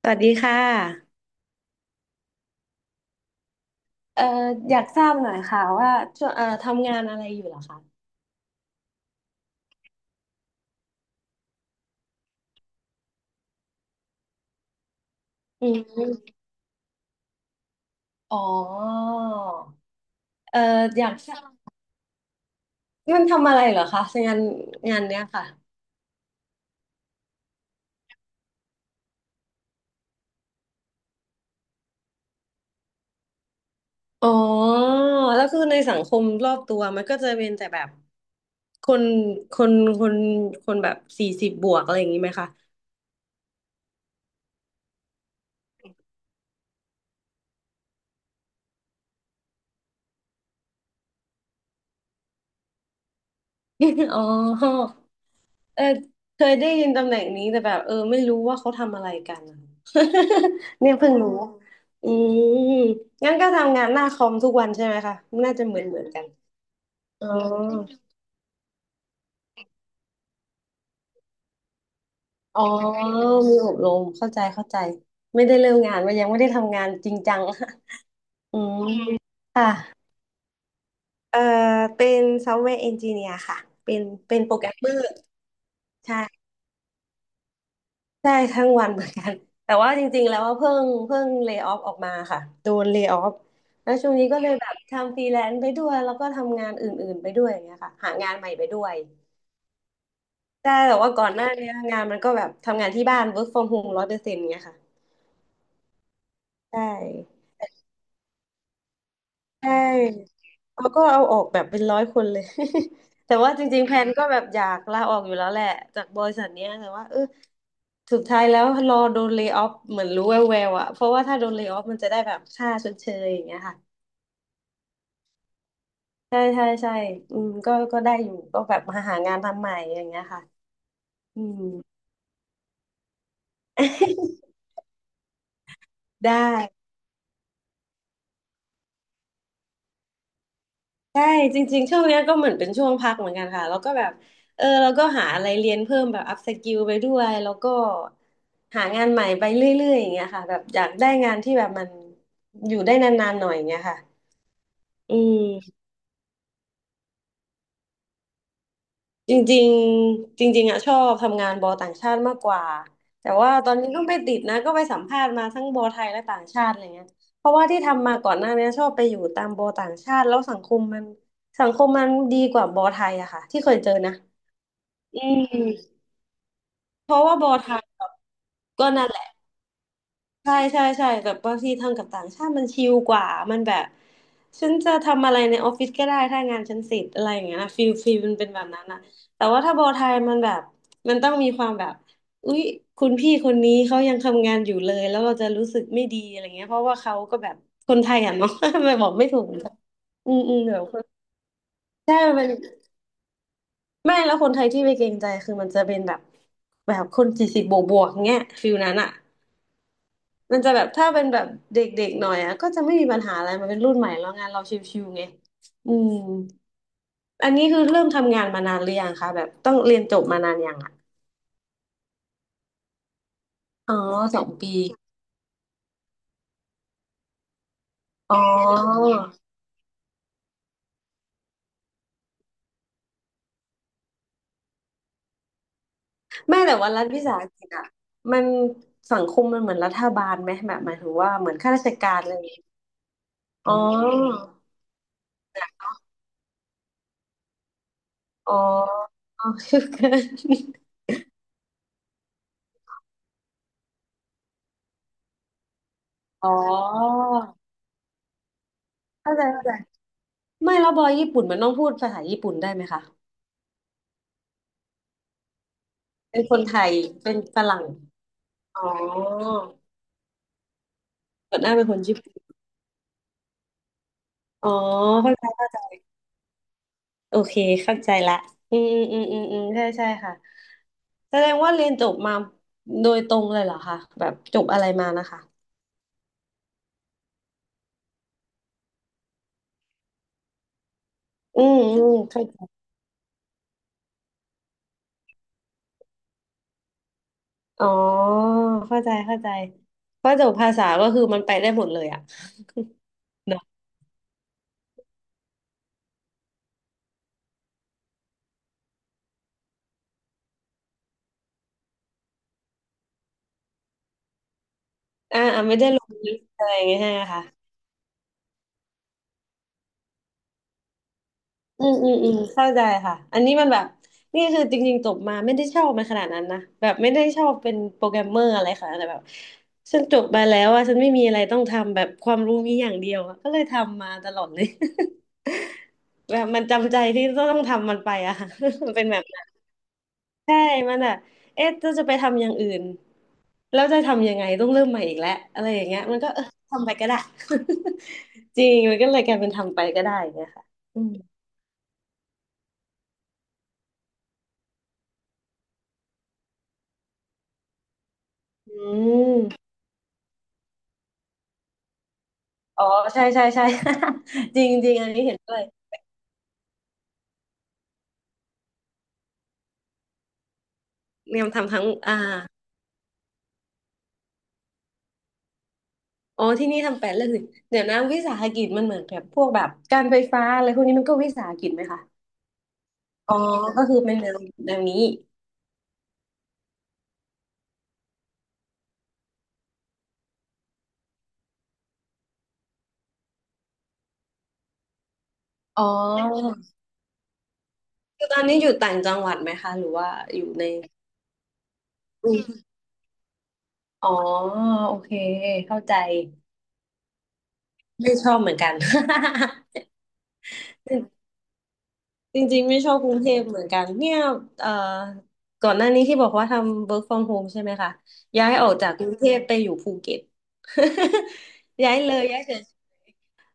สวัสดีค่ะเอ่ออยากทราบหน่อยค่ะว่าช่วงทำงานอะไรอยู่เหรอคะอืมอ๋อเอ่ออยากทราบมันทำอะไรเหรอคะงานงานเนี้ยค่ะ อ๋อ แล้วคือในสังคมรอบตัวมันก็จะเป็นแต่แบบคน คน คนคนแบบสี่สิบบวกอะไรอย่างนี้ไหมคะ อ๋อเออเคยได้ยินตำแหน่งนี้แต่แบบเออไม่รู้ว่าเขาทำอะไรกันอะ เนี่ยเพิ่งรู้อืมงั้นก็ทำงานหน้าคอมทุกวันใช่ไหมคะน่าจะเหมือนกันอ๋ออ๋อมีอบรมเข้าใจเข้าใจ ไม่ได้เริ่มงานว่ายังไม่ได้ทำงานจริงจัง อืมค่ะเอ่อเป็นซอฟต์แวร์เอนจิเนียร์ค่ะเป็นเป็นโปรแกรมเมอร์ใช่ ใช่ทั้งวันเหมือนกัน แต่ว่าจริงๆแล้วว่าเพิ่งเล y o ออฟออกมาค่ะโดนเล y o ออฟแล้วช่วงนี้ก็เลยแบบทำฟรีแลนซ์ไปด้วยแล้วก็ทำงานอื่นๆไปด้วยอย่างเงี้ยค่ะหางานใหม่ไปด้วยแต่ว่าก่อนหน้าเนี้ยงานมันก็แบบทำงานที่บ้าน work from home 100%เงี้ยค่ะใช่ใช่เขาก็เอาออกแบบเป็น100 คนเลย แต่ว่าจริงๆแพลนก็แบบอยากลาออกอยู่แล้วแหละจากบริษัทเนี้ยแต่ว่าเออ สุดท้ายแล้วรอโดนเล y o ออฟเหมือนรู้แววๆอะเพราะว่าถ้าโดนเล y o ออฟมันจะได้แบบค่าชดเชยอย่างเงี้ยค่ะใช่ใช่ใช่อืมก็ได้อยู่ก็แบบมาหางานทำใหม่อย่างเงี้ยค่ะอืม ได้ใช่จริงๆช่วงเนี้ยก็เหมือนเป็นช่วงพักเหมือนกันค่ะแล้วก็แบบเออเราก็หาอะไรเรียนเพิ่มแบบอัพสกิลไปด้วยแล้วก็หางานใหม่ไปเรื่อยๆอย่างเงี้ยค่ะแบบอยากได้งานที่แบบมันอยู่ได้นานๆหน่อยอย่างเงี้ยค่ะอืม จริงๆจริงๆอะชอบทำงานบอต่างชาติมากกว่าแต่ว่าตอนนี้ก็ไม่ติดนะก็ไปสัมภาษณ์มาทั้งบอไทยและต่างชาติอะไรเงี้ยเพราะว่าที่ทำมาก่อนหน้านี้ชอบไปอยู่ตามบอต่างชาติแล้วสังคมมันดีกว่าบอไทยอะค่ะที่เคยเจอนะอืมเพราะว่าบอไทยแบบก็นั่นแหละ ใช่ใช่ใช่แบบบางทีทำกับต่างชาติมันชิลกว่ามันแบบฉันจะทำอะไรในออฟฟิศก็ได้ถ้างานฉันเสร็จอะไรอย่างเงี้ยนะฟีลมันเป็นแบบนั้นนะแต่ว่าถ้าโบไทยมันแบบมันต้องมีความแบบอุ๊ยคุณพี่คนนี้เขายังทำงานอยู่เลยแล้วเราจะรู้สึกไม่ดีอะไรเงี้ยเพราะว่าเขาก็แบบคนไทยอ่ะเนาะ ไม่บอกไม่ถูกเหมือนกันอืมอืมเดี๋ยวคนใช่มันเป็นไม่แล้วคนไทยที่ไม่เกรงใจคือมันจะเป็นแบบแบบคน40+เงี้ยฟีลนั้นอ่ะ มันจะแบบถ้าเป็นแบบเด็กๆหน่อยอ่ะก็จะไม่มีปัญหาอะไรมันเป็นรุ่นใหม่แล้วงานเราชิวๆไงอืมอันนี้คือเริ่มทำงานมานานหรือยังคะแบบต้องเรียนจบมานานยังอ่ะอ๋อ2 ปีอ๋อแม่แต่ว่ารัฐวิสาหกิจอ่ะมันสังคมมันเหมือนรัฐบาลไหมแบบหมายถึงว่าเหมือนข้าราชการอะไรอย่างเงี้ยอ๋ออ๋อ อ๋อคือกันอ๋อเข้าใจเข้าใจไม่แล้วบอยญี่ปุ่นมันต้องพูดภาษาญี่ปุ่นได้ไหมคะเป็นคนไทยเป็นฝรั่ง อ๋อเ่อนหน้าเป็นคนญี่ปุ่นอ๋อเข้าใจเข้าใจโอเคเข้าใจละอืมอืมอืมอืมใช่ใช่ค่ะแสดงว่าเรียนจบมาโดยตรงเลยเหรอคะแบบจบอะไรมานะคะ อืมอืมเข้าใจอ๋อเข้าใจเข้าใจ เพราะจบภาษา ก็คือมันไปได้หมดเลยอะเนอะอ่าอ่าไม่ได้ลงลึกอะไรอย่างเงี้ยใช่ไหมคะ อืมอืมอืมเข้าใจค่ะอันนี้มันแบบนี่คือจริงๆจบมาไม่ได้ชอบมันขนาดนั้นนะแบบไม่ได้ชอบเป็นโปรแกรมเมอร์อะไรค่ะแต่แบบฉันจบมาแล้วอะฉันไม่มีอะไรต้องทำแบบความรู้มีอย่างเดียวอะก็เลยทำมาตลอดเลย แบบมันจำใจที่ต้องทำมันไปอะ มันเป็นแบบนั้นใช่มันอะเอ๊ะจะไปทำอย่างอื่นแล้วจะทำยังไงต้องเริ่มใหม่อีกแล้วอะไรอย่างเงี้ยมันก็เออทำไปก็ได้ จริงมันก็เลยกลายเป็นทำไปก็ได้อย่างเงี้ยค่ะอืมอืม อ๋อใช่ใช่ใช่ จริงจริงอันนี้เห็นด้วยเนี่ยมันทำทั้งอ่าอ๋อที่นี่ทำแปดเรื่องหนึ่งเดี๋ยวนะวิสาหกิจมันเหมือนแบบพวกแบบการไฟฟ้าอะไรพวกนี้มันก็วิสาหกิจไหมคะอ๋อก็คือเป็นแนวแนวนี้อ๋อคือตอนนี้อยู่ต่างจังหวัดไหมคะหรือว่าอยู่ในอืมอ๋อโอเคเข้าใจไม่ชอบเหมือนกัน จริงๆไม่ชอบกรุงเทพเหมือนกันเนี่ยเอ่อก่อนหน้านี้ที่บอกว่าทำ work from home ใช่ไหมคะย้ายออกจากกรุงเทพไปอยู่ภูเก็ต ย้ายเลยย้ายเฉย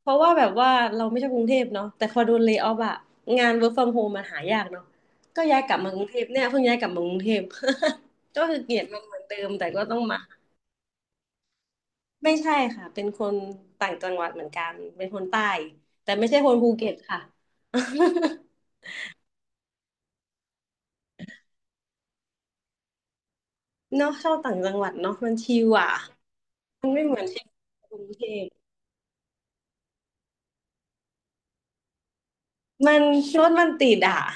เพราะว่าแบบว่าเราไม่ชอบกรุงเทพเนาะแต่พอโดนเลย์ออฟอะงาน work from home มันหายากเนาะก็ย้ายกลับมากรุงเทพเนี่ยเพิ่งย้ายกลับมากรุงเทพ ก็คือเกลียดมันเหมือนเดิมแต่ก็ต้องมาไม่ใช่ค่ะเป็นคนต่างจังหวัดเหมือนกันเป็นคนใต้แต่ไม่ใช่คนภูเก็ตค่ะ เนาะชอบต่างจังหวัดเนาะมันชิลอ่ะ ไม่เหมือนที่กรุงเทพมันรถมันติดอ่ะ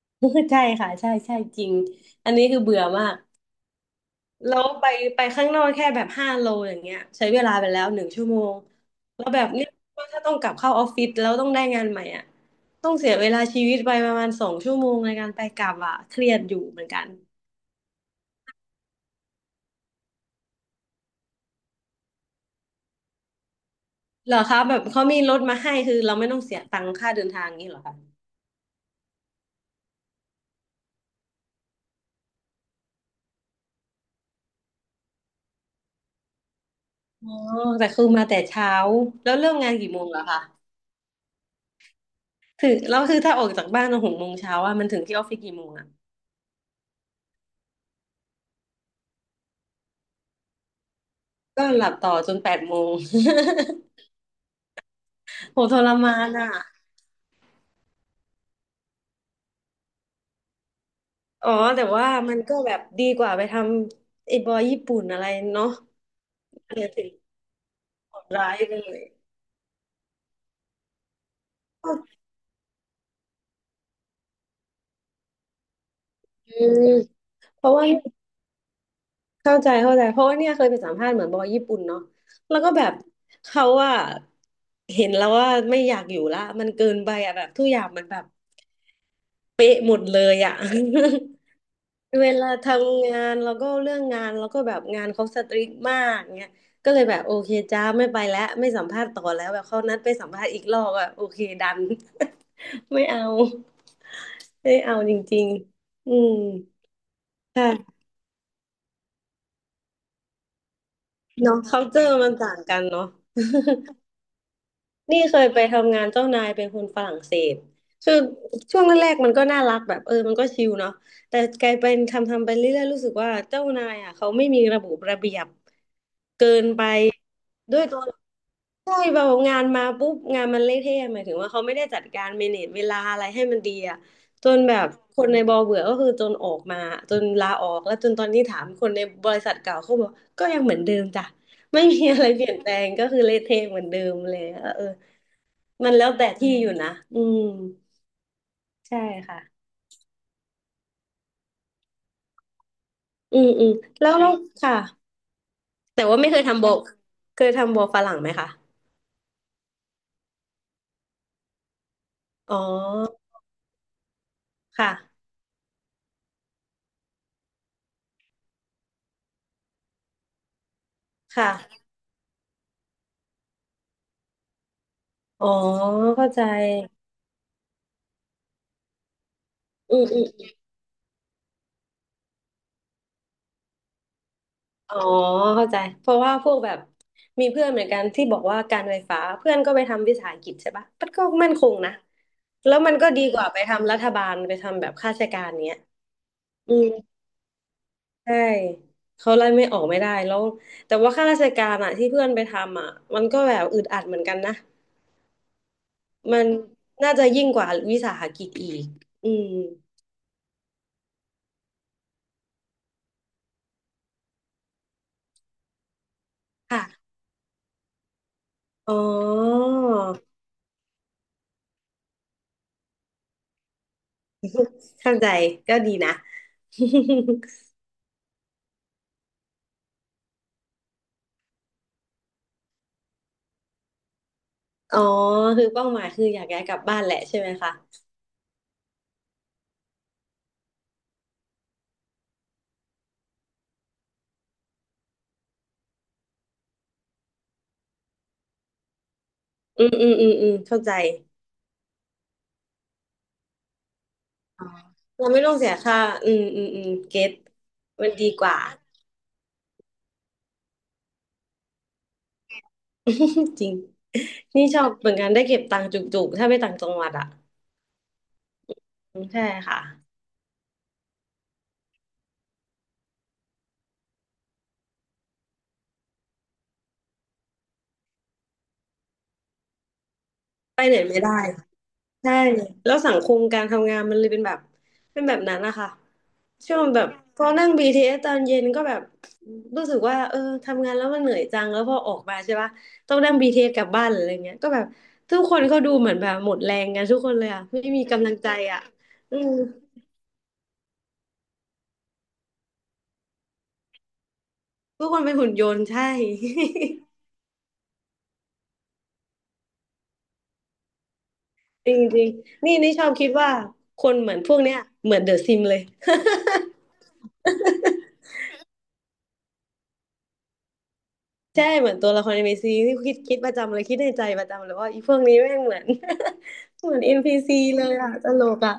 ใช่ค่ะใช่ใช่จริงอันนี้คือเบื่อมากแล้วไปข้างนอกแค่แบบห้าโลอย่างเงี้ยใช้เวลาไปแล้วหนึ่งชั่วโมงแล้วแบบเนี้ยถ้าต้องกลับเข้าออฟฟิศแล้วต้องได้งานใหม่อ่ะต้องเสียเวลาชีวิตไปประมาณสองชั่วโมงในการไปกลับอ่ะเครียดอยู่เหมือนกันเหรอคะแบบเขามีรถมาให้คือเราไม่ต้องเสียตังค่าเดินทางนี้เหรอคะอ๋อแต่คือมาแต่เช้า แล้วเริ่มงานกี่โมงเหรอคะ ถึงเราคือถ้าออกจากบ้านหกโมงเช้าอ่ะมันถึงที่ออฟฟิศกี่โมงอ่ะก็หลับต่อจนแปดโมง โหทรมานอ่ะอ๋อแต่ว่ามันก็แบบดีกว่าไปทำไอ้บอยญี่ปุ่นอะไรเนาะเนี่ยถึงโหดร้ายเลยอืมเพราะว่าเข้าใจเข้าใจเพราะว่าเนี่ยเคยไปสัมภาษณ์เหมือนบอยญี่ปุ่นเนาะแล้วก็แบบเขาว่าเห็นแล้วว่าไม่อยากอยู่ละมันเกินไปอ่ะแบบทุกอย่างมันแบบเป๊ะหมดเลยอ่ะ เวลาทำงานแล้วก็เรื่องงานแล้วก็แบบงานเขาสตริกมากเงี้ยก็เลยแบบโอเคจ้าไม่ไปแล้วไม่สัมภาษณ์ต่อแล้วแบบเขานัดไปสัมภาษณ์อีกรอบอะโอเคดัน ไม่เอาไม่เอาจริงๆอืมค่ะเนาะ culture มันต่างกันเนาะ นี่เคยไปทำงานเจ้านายเป็นคนฝรั่งเศสคือช่วงแรกๆมันก็น่ารักแบบเออมันก็ชิลเนาะแต่กลายเป็นทำไปเรื่อยๆรู้สึกว่าเจ้านายอ่ะเขาไม่มีระบบระเบียบเกินไปด้วยตัวใช่แบบงานมาปุ๊บงานมันเละเทะหมายถึงว่าเขาไม่ได้จัดการเมเนจเวลาอะไรให้มันดีอ่ะจนแบบคนในบอเบื่อก็คือจนออกมาจนลาออกแล้วจนตอนนี้ถามคนในบริษัทเก่าเขาบอกก็ยังเหมือนเดิมจ้ะไม่มีอะไรเปลี่ยนแปลงก็คือเละเทะเหมือนเดิมเลยเออ มันแล้วแต่ที่อยู่นะอืมใช่ค่ะอืมอืมแล้ว่แล้วค่ะแต่ว่าไม่เคยทำโบเคยทำโบฝรั่งไหมคะอ๋อค่ะค่ะอ๋อเข้าใจอืมอืมอ๋อเข้าใจเพราะว่าพวกแบบมีเพื่อนเหมือนกันที่บอกว่าการไฟฟ้าเพื่อนก็ไปทำวิสาหกิจใช่ปะมันก็มั่นคงนะแล้วมันก็ดีกว่าไปทำรัฐบาลไปทำแบบข้าราชการเนี้ยอืม ใช่เขาไล่ไม่ออกไม่ได้แล้วแต่ว่าข้าราชการอะที่เพื่อนไปทำอะมันก็แบบอึดอัดเหมือนกันนะมันน่าจะยิ่งกว่าวิสาหกิจอีกอืมค่ะอ๋อเข้าใจก็ดีนะ อ๋อคือเป้าหมายคืออยากย้ายกลับบ้านแหละใช่ไหมคะอืมอืมอืมอืมเข้าใจเราไม่ต้องเสียค่าอืมอืมอืมเก็ตมันดีกว่า จริงนี่ชอบเหมือนกันได้เก็บตังค์จุกๆถ้าไปต่างจังหวัดอะ ใช่ค่ะไปไหนไม่ได้ใช่แล้วสังคมการทำงานมันเลยเป็นแบบเป็นแบบนั้นนะคะช่วงแบบพอนั่ง BTS ตอนเย็นก็แบบรู้สึกว่าเออทำงานแล้วมันเหนื่อยจังแล้วพอออกมาใช่ปะต้องนั่ง BTS กลับบ้านหรืออะไรเงี้ยก็แบบทุกคนเขาดูเหมือนแบบหมดแรงกันทุกคนเลยอ่ะไม่มีกำลังใจอ่ะอืมทุกคนเป็นหุ่นยนต์ใช่ จริงจริงนี่ชอบคิดว่าคนเหมือนพวกเนี้ยเหมือนเดอะซิมเลย ใช่เหมือนตัวละครใน m ซีที่คิดประจำเลยคิดในใจประจำเลยว่าอีพวกนี้แม่งเหมือน เหมือน NPC เลยอ่ะตลกอ่ะ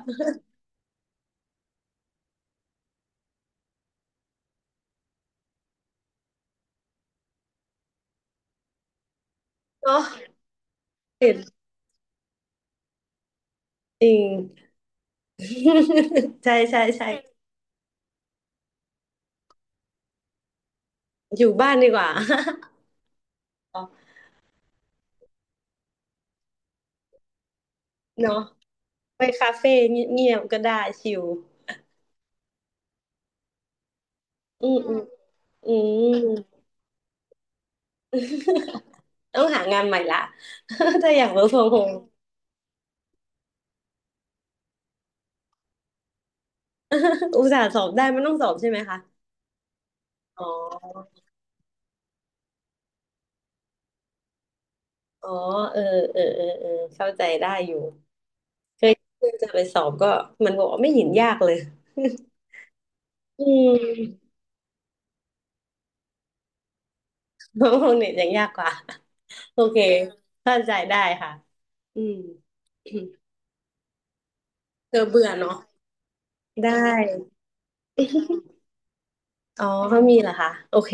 เนาะเห็นจริง ใช่ใช่ใช่อยู่บ้านดีกว่า เนาะไปคาเฟ่เงียบๆก็ได้ชิลอืมอืมอืม ต้องหางานใหม่ละ ถ้าอยากเ o r k f ฟ o อ home อุตส่าห์สอบได้มันต้องสอบใช่ไหมคะอ๋ออ๋อเออเออเออเออเข้าใจได้อยู่ เคยเพิ่งจะไปสอบก็มันบอกว่าไม่เห็นยากเลยอืม ห้องของเน็ตยังยากกว่าโอเคเข้าใจได้ค่ะอืมเธอเบื่อเนาะได้ อ๋อเขามีเหรอคะโอเค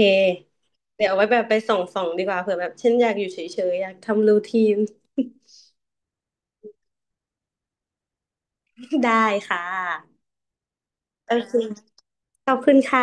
เดี๋ยวเอาไว้แบบไปส่องส่องดีกว่าเผื่อแบบฉันอยากอยู่เฉยๆอยากทำรูทีน ได้ค่ะโอเคขอบคุณค่ะ